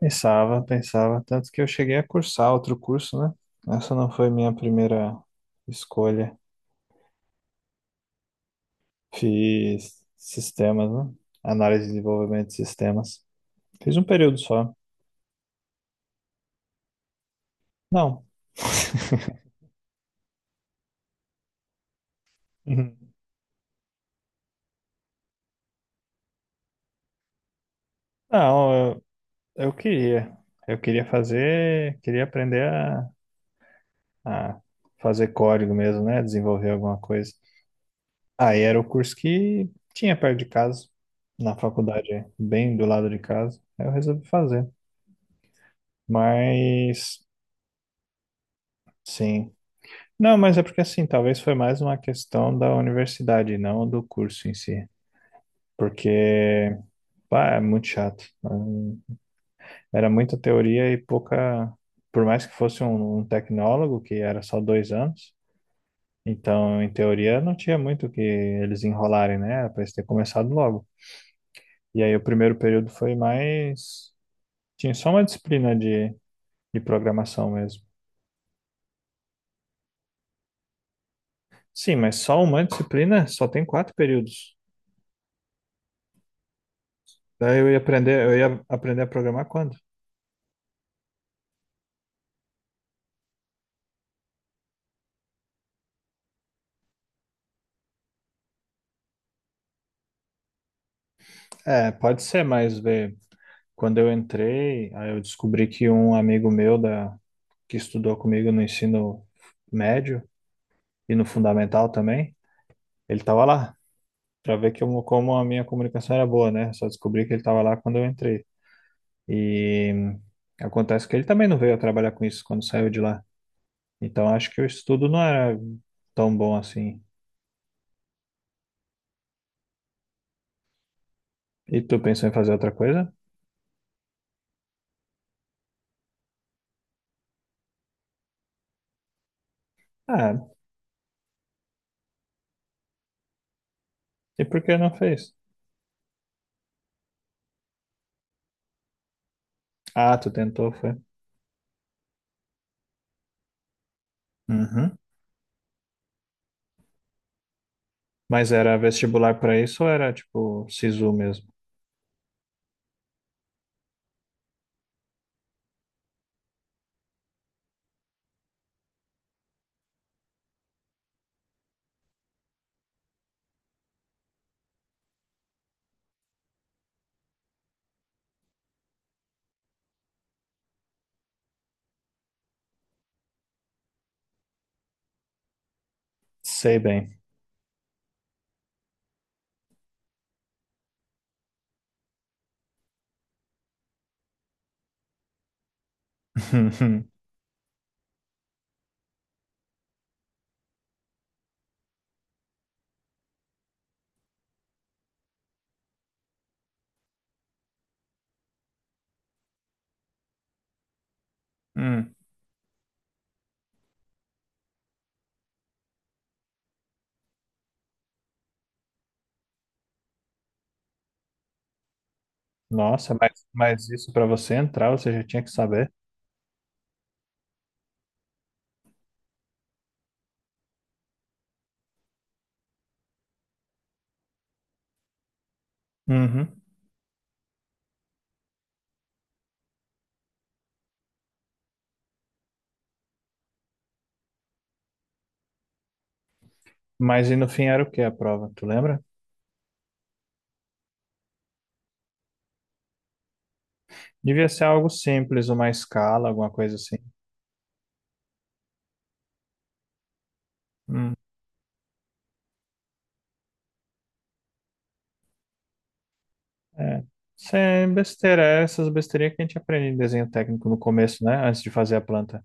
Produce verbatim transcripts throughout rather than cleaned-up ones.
Pensava, pensava, tanto que eu cheguei a cursar outro curso, né? Essa não foi minha primeira escolha. Fiz sistemas, né? Análise e desenvolvimento de sistemas. Fiz um período só. Não. Uhum. Não, eu, eu queria. Eu queria fazer, queria aprender a, a fazer código mesmo, né? Desenvolver alguma coisa. Aí era o curso que tinha perto de casa, na faculdade, bem do lado de casa. Aí eu resolvi fazer. Mas. Sim. Não, mas é porque assim, talvez foi mais uma questão da universidade, não do curso em si. Porque, pá, é muito chato, né? Era muita teoria e pouca. Por mais que fosse um, um tecnólogo, que era só dois anos, então, em teoria, não tinha muito o que eles enrolarem, né? Era pra eles ter começado logo. E aí, o primeiro período foi mais. Tinha só uma disciplina de, de programação mesmo. Sim, mas só uma disciplina só tem quatro períodos. Daí eu ia aprender, eu ia aprender a programar quando? É, pode ser, mas vê, quando eu entrei, aí eu descobri que um amigo meu da, que estudou comigo no ensino médio e no fundamental também, ele estava lá, para ver que eu- como a minha comunicação era boa, né? Só descobri que ele estava lá quando eu entrei. E hum, acontece que ele também não veio a trabalhar com isso quando saiu de lá. Então acho que o estudo não era tão bom assim. E tu pensou em fazer outra coisa? Ah, e por que não fez? Ah, tu tentou, foi. Uhum. Mas era vestibular para isso ou era tipo SISU mesmo? Sei bem. Hum. Nossa, mas, mas isso para você entrar, você já tinha que saber. Uhum. Mas e no fim era o que a prova, tu lembra? Devia ser algo simples, uma escala, alguma coisa assim. Hum. É. Isso é besteira, é essas besteirinhas que a gente aprende em desenho técnico no começo, né? Antes de fazer a planta.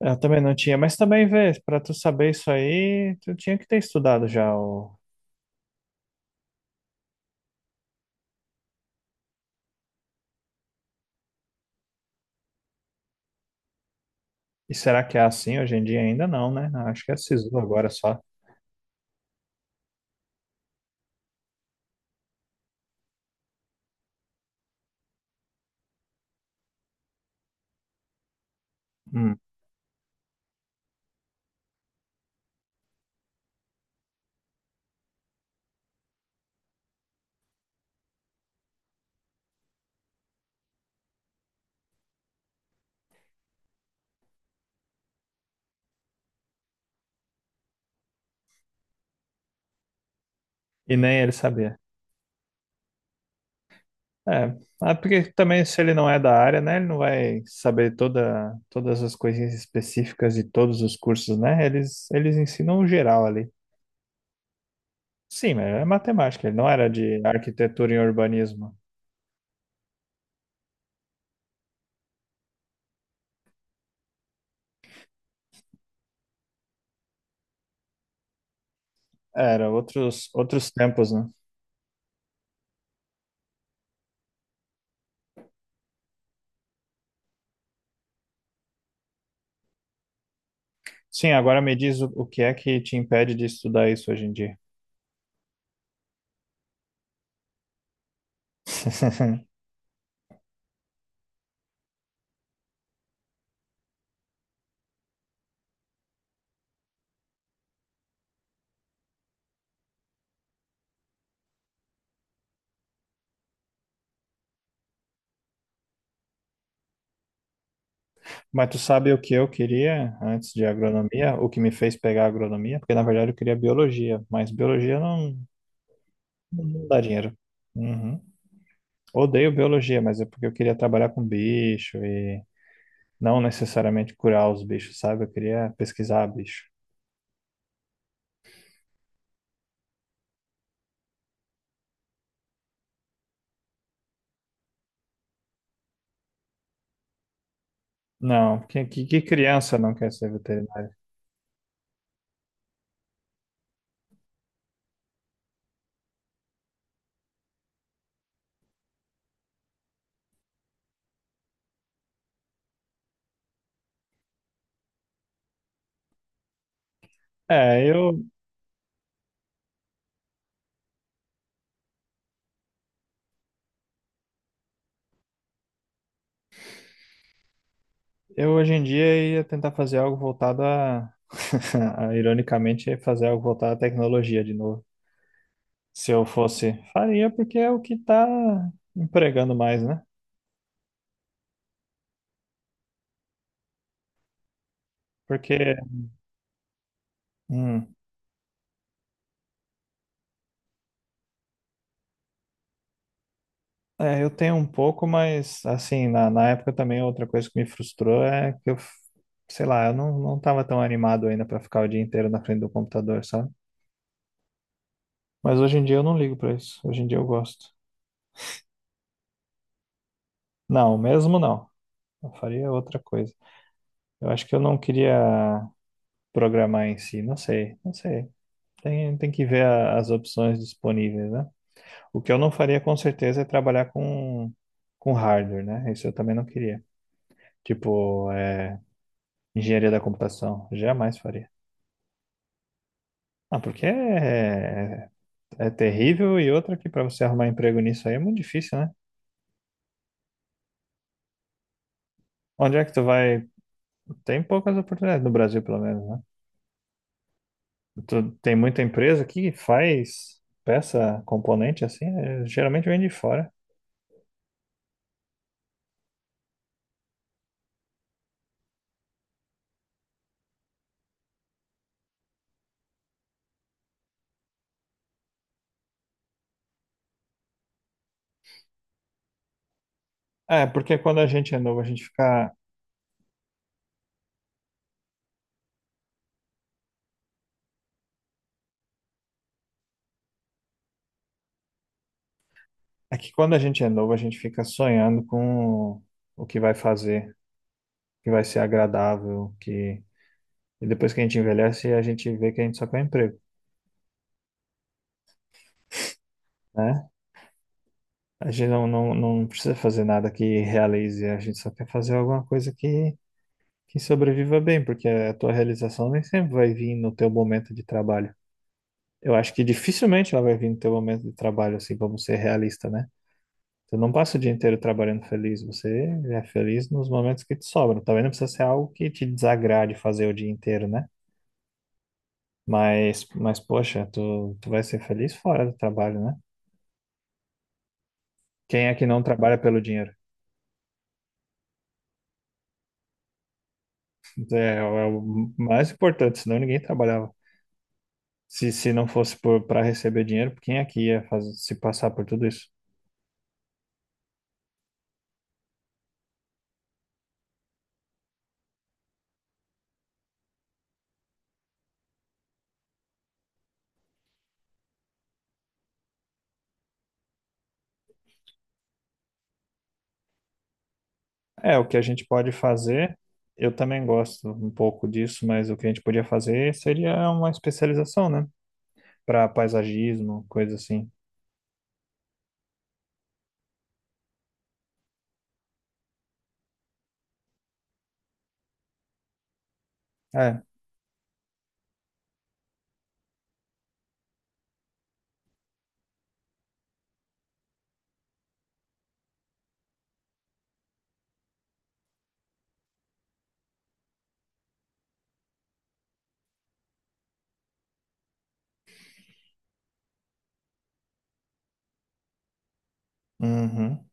Eu também não tinha, mas também vê, para tu saber isso aí, tu tinha que ter estudado já o. E será que é assim hoje em dia? Ainda não, né? Acho que é SISU agora só. Hum. E nem ele sabia. É, ah, porque também se ele não é da área, né? Ele não vai saber toda, todas as coisinhas específicas de todos os cursos, né? Eles, eles ensinam o geral ali. Sim, mas é matemática, ele não era de arquitetura e urbanismo. Era outros, outros tempos, né? Sim, agora me diz o, o que é que te impede de estudar isso hoje em dia. Mas tu sabe o que eu queria antes de agronomia? O que me fez pegar agronomia? Porque na verdade eu queria biologia, mas biologia não, não dá dinheiro. Uhum. Odeio biologia, mas é porque eu queria trabalhar com bicho e não necessariamente curar os bichos, sabe? Eu queria pesquisar bicho. Não, que, que, que criança não quer ser veterinário? É, eu, eu hoje em dia ia tentar fazer algo voltado a. a, ironicamente, ia fazer algo voltado à tecnologia de novo. Se eu fosse, faria porque é o que tá empregando mais, né? Porque, hum, é, eu tenho um pouco, mas assim, na, na época também outra coisa que me frustrou é que eu, sei lá, eu não, não tava tão animado ainda pra ficar o dia inteiro na frente do computador, sabe? Mas hoje em dia eu não ligo pra isso. Hoje em dia eu gosto. Não, mesmo não. Eu faria outra coisa. Eu acho que eu não queria programar em si, não sei, não sei. Tem, tem que ver a- as opções disponíveis, né? O que eu não faria com certeza é trabalhar com, com hardware, né? Isso eu também não queria. Tipo, é, engenharia da computação, jamais faria. Ah, porque é, é é terrível e outra que para você arrumar emprego nisso aí é muito difícil, né? Onde é que tu vai? Tem poucas oportunidades no Brasil, pelo menos, né? Tu, tem muita empresa que faz peça, componente assim, né? Geralmente vem de fora. É, porque quando a gente é novo, a gente fica. É que quando a gente é novo, a gente fica sonhando com o que vai fazer. Que vai ser agradável, que e depois que a gente envelhece, a gente vê que a gente só quer emprego, né? A gente não, não, não precisa fazer nada que realize, a gente só quer fazer alguma coisa que, que sobreviva bem, porque a tua realização nem sempre vai vir no teu momento de trabalho. Eu acho que dificilmente ela vai vir no teu momento de trabalho, assim, vamos ser realista, né? Você não passa o dia inteiro trabalhando feliz, você é feliz nos momentos que te sobram. Também não precisa ser algo que te desagrade fazer o dia inteiro, né? Mas, mas poxa, tu, tu vai ser feliz fora do trabalho, né? Quem é que não trabalha pelo dinheiro? É, o é o mais importante, senão ninguém trabalhava. Se, se não fosse por, para receber dinheiro, quem é que ia fazer, se passar por tudo isso? É, o que a gente pode fazer, eu também gosto um pouco disso, mas o que a gente podia fazer seria uma especialização, né? Para paisagismo, coisa assim. É, uhum.